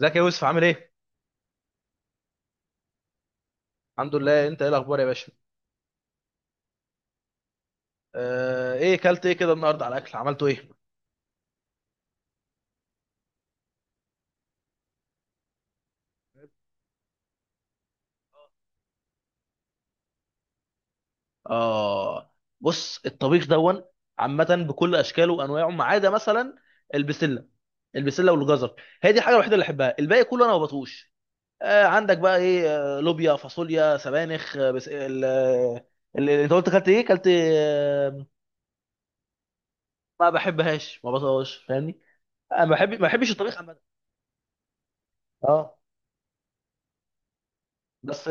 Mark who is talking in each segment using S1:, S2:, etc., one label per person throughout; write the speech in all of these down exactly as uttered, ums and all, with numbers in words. S1: ازيك يا يوسف، عامل ايه؟ الحمد لله، انت ايه الاخبار يا باشا؟ آه ايه كلت ايه كده النهارده على الاكل عملته ايه؟ اه. بص، الطبيخ دون عامة بكل اشكاله وانواعه، ما عدا مثلا البسلة البسلة والجزر، هي دي الحاجة الوحيدة اللي احبها، الباقي كله انا ما بطوش. آه عندك بقى ايه؟ آه، لوبيا، فاصوليا، سبانخ، آه، بس ال آه، ال- انت قلت كلت ايه؟ كلت آه، ما بحبهاش، ما بطوش، فاهمني؟ انا ما بحب ما بحبش الطبيخ عامة. اه. بس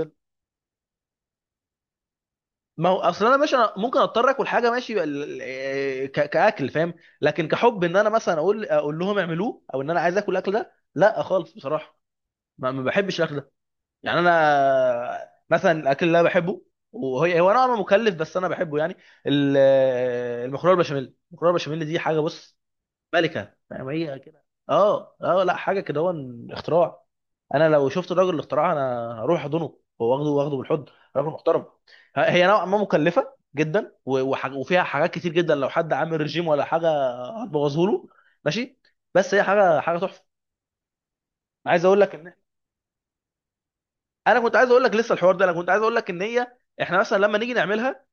S1: ما هو اصل انا ماشي، أنا ممكن اضطر اكل حاجه ماشي ال- ال- آه، ك- كاكل، فاهم. لكن كحب ان انا مثلا اقول اقول لهم اعملوه، او ان انا عايز اكل الاكل ده، لا خالص بصراحه. ما, ما بحبش الاكل ده. يعني انا مثلا الاكل اللي انا بحبه، وهي هو انا مكلف بس انا بحبه يعني. ال- آه، المكرونه البشاميل، المكرونه البشاميل دي حاجه، بص، ملكه، فاهم، هي كده. اه اه، لا حاجه كده، هو اختراع. انا لو شفت الراجل الاختراع انا هروح احضنه هو، واخده واخده بالحضن. راجل محترم. ه- هي نوعا ما مكلفه جدا، و- وح- وفيها حاجات كتير جدا، لو حد عامل رجيم ولا حاجه هتبوظه له ماشي، بس هي حاجه، حاجه تحفه. عايز اقول لك ان، انا كنت عايز اقول لك، لسه الحوار ده، انا كنت عايز اقول لك ان هي، احنا مثلا لما نيجي نعملها،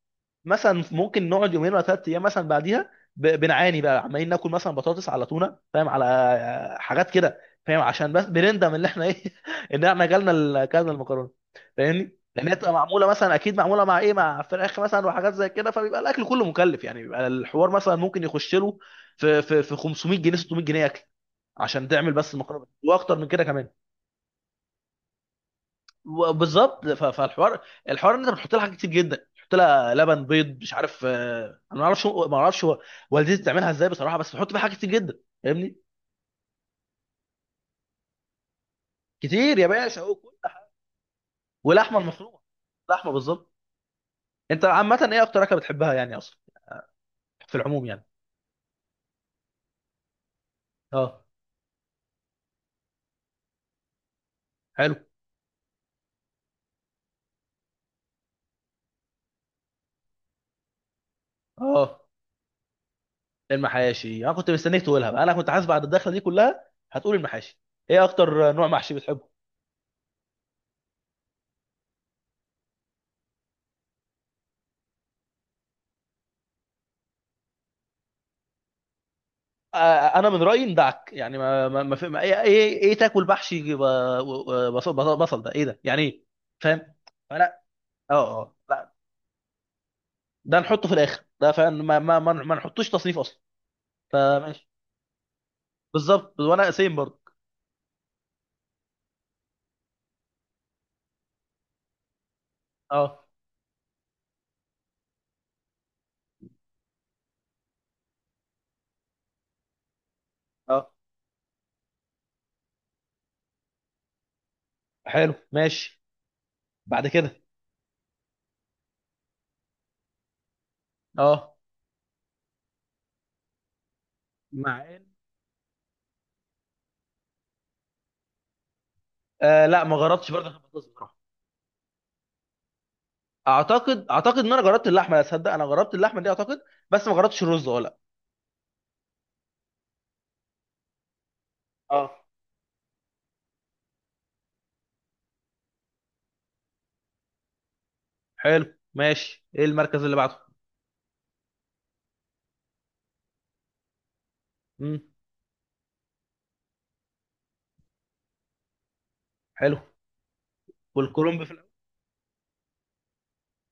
S1: مثلا ممكن نقعد يومين ولا ثلاث ايام مثلا بعديها ب- بنعاني بقى، عمالين ناكل مثلا بطاطس على تونه، فاهم، على آه، حاجات كده، فاهم، عشان بس بنندم ان احنا ايه ان احنا اكلنا ال- اكلنا المكرونه، فاهمني، لان هي بتبقى معموله مثلا، اكيد معموله مع ايه، مع فراخ مثلا وحاجات زي كده، فبيبقى الاكل كله مكلف يعني، بيبقى الحوار مثلا ممكن يخش له في في في خمسمية جنيه، ستمية جنيه اكل عشان تعمل بس المكرونه، واكتر من كده كمان. بالظبط. ف- فالحوار، الحوار ان انت بتحط لها حاجات كتير جدا، بتحط لها لبن، بيض، مش عارف آه، انا ما اعرفش، ما اعرفش هو- والدتي بتعملها ازاي بصراحه، بس بتحط فيها حاجات كتير جدا، فاهمني. كتير يا باشا، وكل حاجة. ولحمه المفرومه. لحمه بالظبط. انت عامه ايه اكتر اكله بتحبها يعني اصلا، في العموم يعني؟ اه. حلو. اه. المحاشي انا كنت مستنيك تقولها بقى، انا كنت حاسس بعد الدخله دي كلها هتقول المحاشي. ايه اكتر نوع محشي بتحبه؟ آه، آه، انا من رايي ندعك يعني، ما ما ما, في- ما ايه ايه إيه تاكل محشي ب- و- بصل، بصل بصل، ده ايه ده يعني ايه، فاهم؟ فلا. اه. اه، لا، ده نحطه في الاخر ده، فاهم، ما ما ما ما نحطوش تصنيف اصلا. فماشي. بالظبط، وانا سيم برضه. اه. اه حلو، ماشي. بعد كده. اه، مع ان، آه لا، ما جربتش برضه البطاطس بصراحه. اعتقد اعتقد ان انا جربت اللحمه، تصدق انا جربت اللحمه دي اعتقد، بس ما جربتش الرز ولا. اه. حلو، ماشي. ايه المركز اللي بعده؟ امم. حلو. والكولومب في الاول.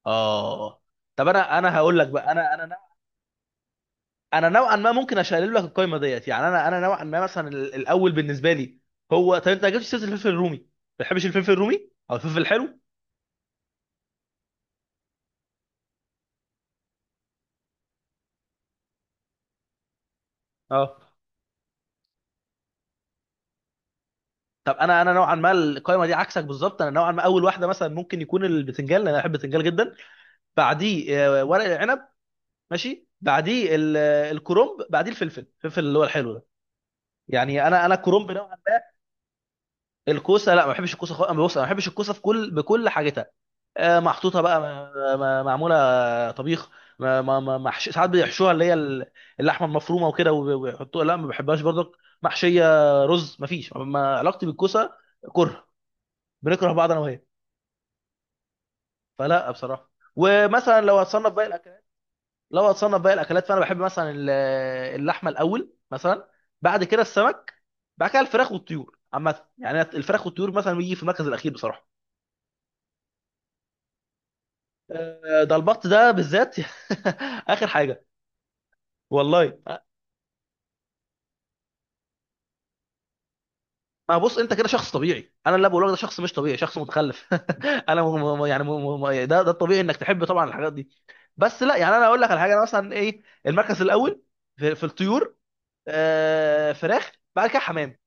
S1: اه. طب انا، انا هقول لك بقى، انا انا انا نوعا ما ممكن اشيل لك القايمه ديت يعني، انا انا نوعا ما مثلا ال- الاول بالنسبه لي هو، طب انت ما جبتش سيره الفلفل الرومي، ما بتحبش الفلفل الرومي او الفلفل الحلو؟ اه. طب انا، انا نوعا ما القايمه دي عكسك بالظبط. انا نوعا ما اول واحده مثلا ممكن يكون البتنجان، لان انا بحب البتنجان جدا. بعديه آه، ورق العنب، ماشي، بعديه ال- آه، الكرنب، بعديه الفلفل، الفلفل اللي هو الحلو ده، يعني انا، انا كرنب نوعا. الكوسه لا، ما بحبش الكوسه خالص. أنا بص، انا ما بحبش الكوسه في كل بكل حاجتها، آه، محطوطه بقى، م- م- معموله طبيخ، ما ما ما محش... ساعات بيحشوها، اللي هي ال- اللحمه المفرومه وكده، وب- ويحطوها، لا ما بحبهاش برضك محشيه رز. ما فيش ما علاقتي بالكوسه، كره، بنكره بعض انا وهي. فلا بصراحه. ومثلا لو هتصنف باقي الاكلات، لو هتصنف باقي الاكلات فانا بحب مثلا ال- اللحمه الاول مثلا، بعد كده السمك، بعد كده الفراخ والطيور عامه، يعني الفراخ والطيور مثلا بيجي في المركز الاخير بصراحه. آه، ده البط ده بالذات اخر حاجه. والله. ما بص، انت كده شخص طبيعي، انا اللي بقوله لك ده شخص مش طبيعي، شخص متخلف. انا م... م... يعني م... م... ده، ده الطبيعي انك تحب طبعا الحاجات دي. بس لا يعني، انا اقول لك على حاجه، انا مثلا ايه، المركز الاول في, في الطيور، آه... فراخ، بعد كده حمام،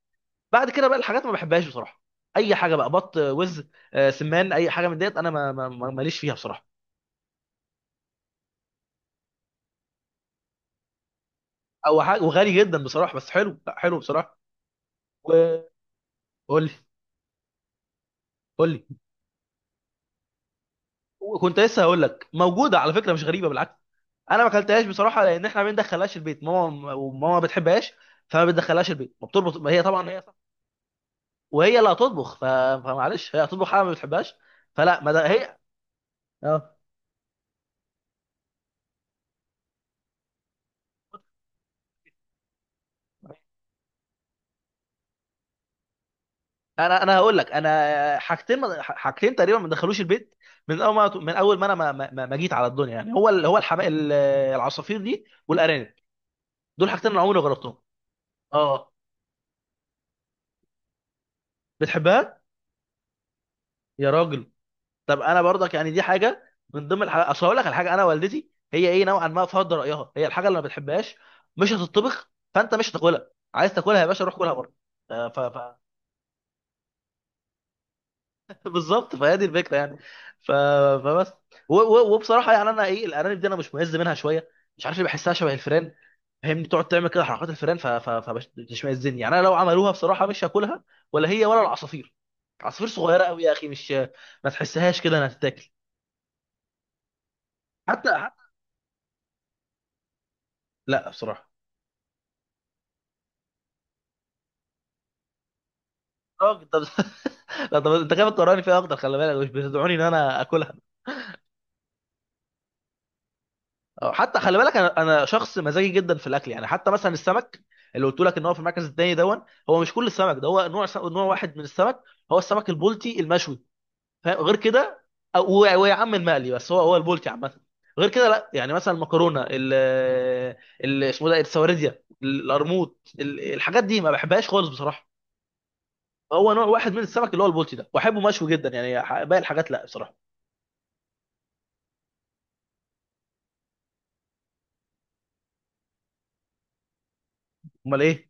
S1: بعد كده بقى الحاجات ما بحبهاش بصراحه، اي حاجه بقى، بط، وز، آه... سمان، اي حاجه من ديت انا ما... ما... ما- ماليش فيها بصراحه. او حاجه وغالي جدا بصراحه، بس حلو، لا حلو بصراحه. وقول لي. قول لي. وكنت لسه هقول لك، موجوده على فكره، مش غريبه بالعكس. انا ما اكلتهاش بصراحه، لان احنا ما بندخلهاش البيت، ماما، وماما ما بتحبهاش، فما بتدخلهاش البيت، ما بتربط، ما هي طبعا هي صح، وهي اللي هتطبخ. ف... فمعلش، هي هتطبخ حاجه ما بتحبهاش، فلا، ما ده هي. اه. انا انا هقول لك، انا حاجتين، حاجتين تقريبا ما دخلوش البيت من اول ما، من اول ما انا ما, ما, ما ما جيت على الدنيا، يعني هو ال- هو الحما... ال- العصافير دي والارانب، دول حاجتين انا عمري ما جربتهم. اه. بتحبها؟ يا راجل. طب انا برضك يعني دي حاجه من ضمن الحاجات، اصل هقول لك على حاجه، انا والدتي هي ايه، نوعا ما فرض رايها، هي الحاجه اللي ما بتحبهاش مش هتطبخ، فانت مش هتاكلها، عايز تاكلها يا باشا روح كلها بره. آه، ف... ف... بالظبط، فهي دي الفكره يعني. ف... فبس و... و... وبصراحه يعني انا ايه، الارانب دي انا مش مهز منها شويه، مش عارف ليه، بحسها شبه الفيران، فاهمني، تقعد تعمل كده حركات الفيران، ف... ف... فبتشمئزني يعني، انا لو عملوها بصراحه مش هاكلها، ولا هي ولا العصافير. عصافير صغيره قوي يا اخي، مش ما تحسهاش كده انها تتاكل. حتى. لا بصراحه. اخضر لا، طب انت كده بتقراني فيها اخضر، خلي بالك مش بتدعوني ان انا اكلها. أو حتى خلي بالك، انا، انا شخص مزاجي جدا في الاكل يعني، حتى مثلا السمك اللي قلت لك ان هو في المركز الثاني دون، هو مش كل السمك، ده هو نوع، س- نوع واحد من السمك، هو السمك البلطي المشوي، فاهم، غير كده، أو- و- ويا عم المقلي، بس هو، هو البلطي عامه، غير كده لا. يعني مثلا المكرونه ال، ال- اسمه ده السواردية، القرموط، ال- الحاجات دي ما بحبهاش خالص بصراحه، هو نوع واحد من السمك اللي هو البلطي ده، واحبه مشوي جدا يعني، ح- باقي الحاجات لا بصراحه. امال ايه؟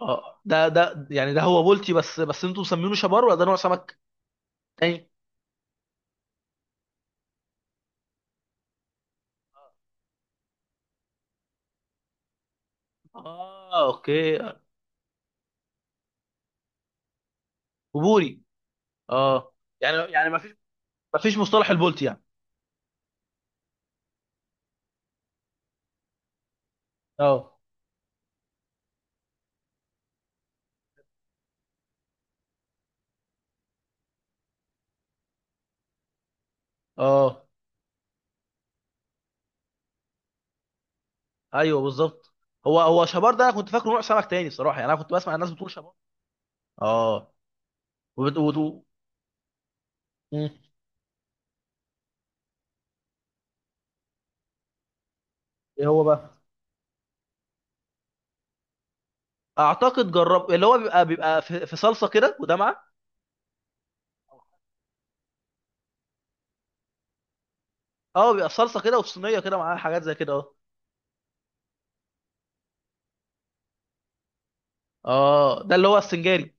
S1: اه، ده ده يعني، ده هو بولتي بس، بس انتوا مسمينه شبار، ولا ده نوع سمك تاني؟ اه اوكي. وبوري. اه. يعني يعني ما فيش، ما فيش مصطلح البولتي يعني؟ اه. اه. ايوه بالظبط. هو هو شبار ده، انا كنت فاكره نوع سمك تاني صراحه، يعني انا كنت بسمع الناس بتقول شبار. اه. وبت... وت... مم. ايه هو بقى؟ اعتقد جرب، اللي هو بيبقى، بيبقى في, في صلصه كده، وده معاه. اه، بيبقى صلصه كده، وفي صينيه كده معاه حاجات زي كده، اه. اه، ده اللي هو السنجاري.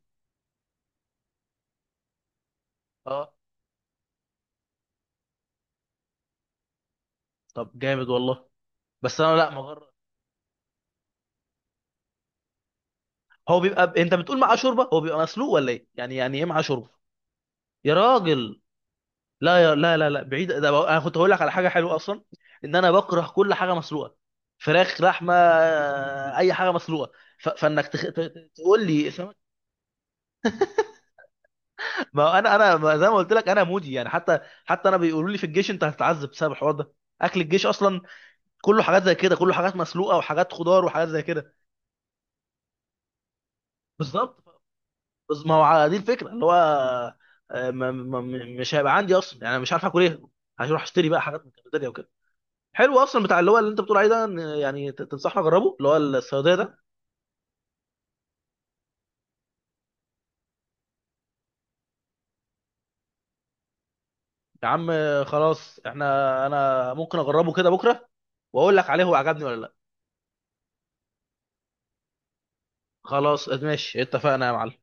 S1: اه، طب جامد والله. بس انا لا مجرد، هو بيبقى ب... انت بتقول معاه شوربه، هو بيبقى مسلوق ولا ايه، يعني يعني ايه معاه شوربه؟ يا راجل. لا يا... لا لا لا بعيد ده بقى، انا كنت هقول لك على حاجه حلوه اصلا، ان انا بكره كل حاجه مسلوقه، فراخ، لحمه، اي حاجه مسلوقه، ف... فانك تخ... ت... ت- تقول لي سمك. ما انا، انا ما زي ما قلت لك انا مودي يعني، حتى، حتى انا بيقولوا لي في الجيش انت هتتعذب بسبب الحوار ده، اكل الجيش اصلا كله حاجات زي كده، كله حاجات مسلوقه وحاجات خضار وحاجات زي كده. بالظبط. بس ما هو على دي الفكره اللي هو، آه، ما ما م- مش هيبقى عندي اصلا يعني، أنا مش عارف اكل ايه، هروح اشتري بقى حاجات من الكافيتيريا وكده. حلو، اصلا بتاع اللي هو، اللي انت بتقول عليه ده، إن يعني ت- تنصحني اجربه، اللي هو الصياديه ده؟ يا عم آه، خلاص، احنا، انا ممكن اجربه كده بكره، واقول لك عليه هو عجبني ولا لا. خلاص ماشي، اتفقنا يا معلم.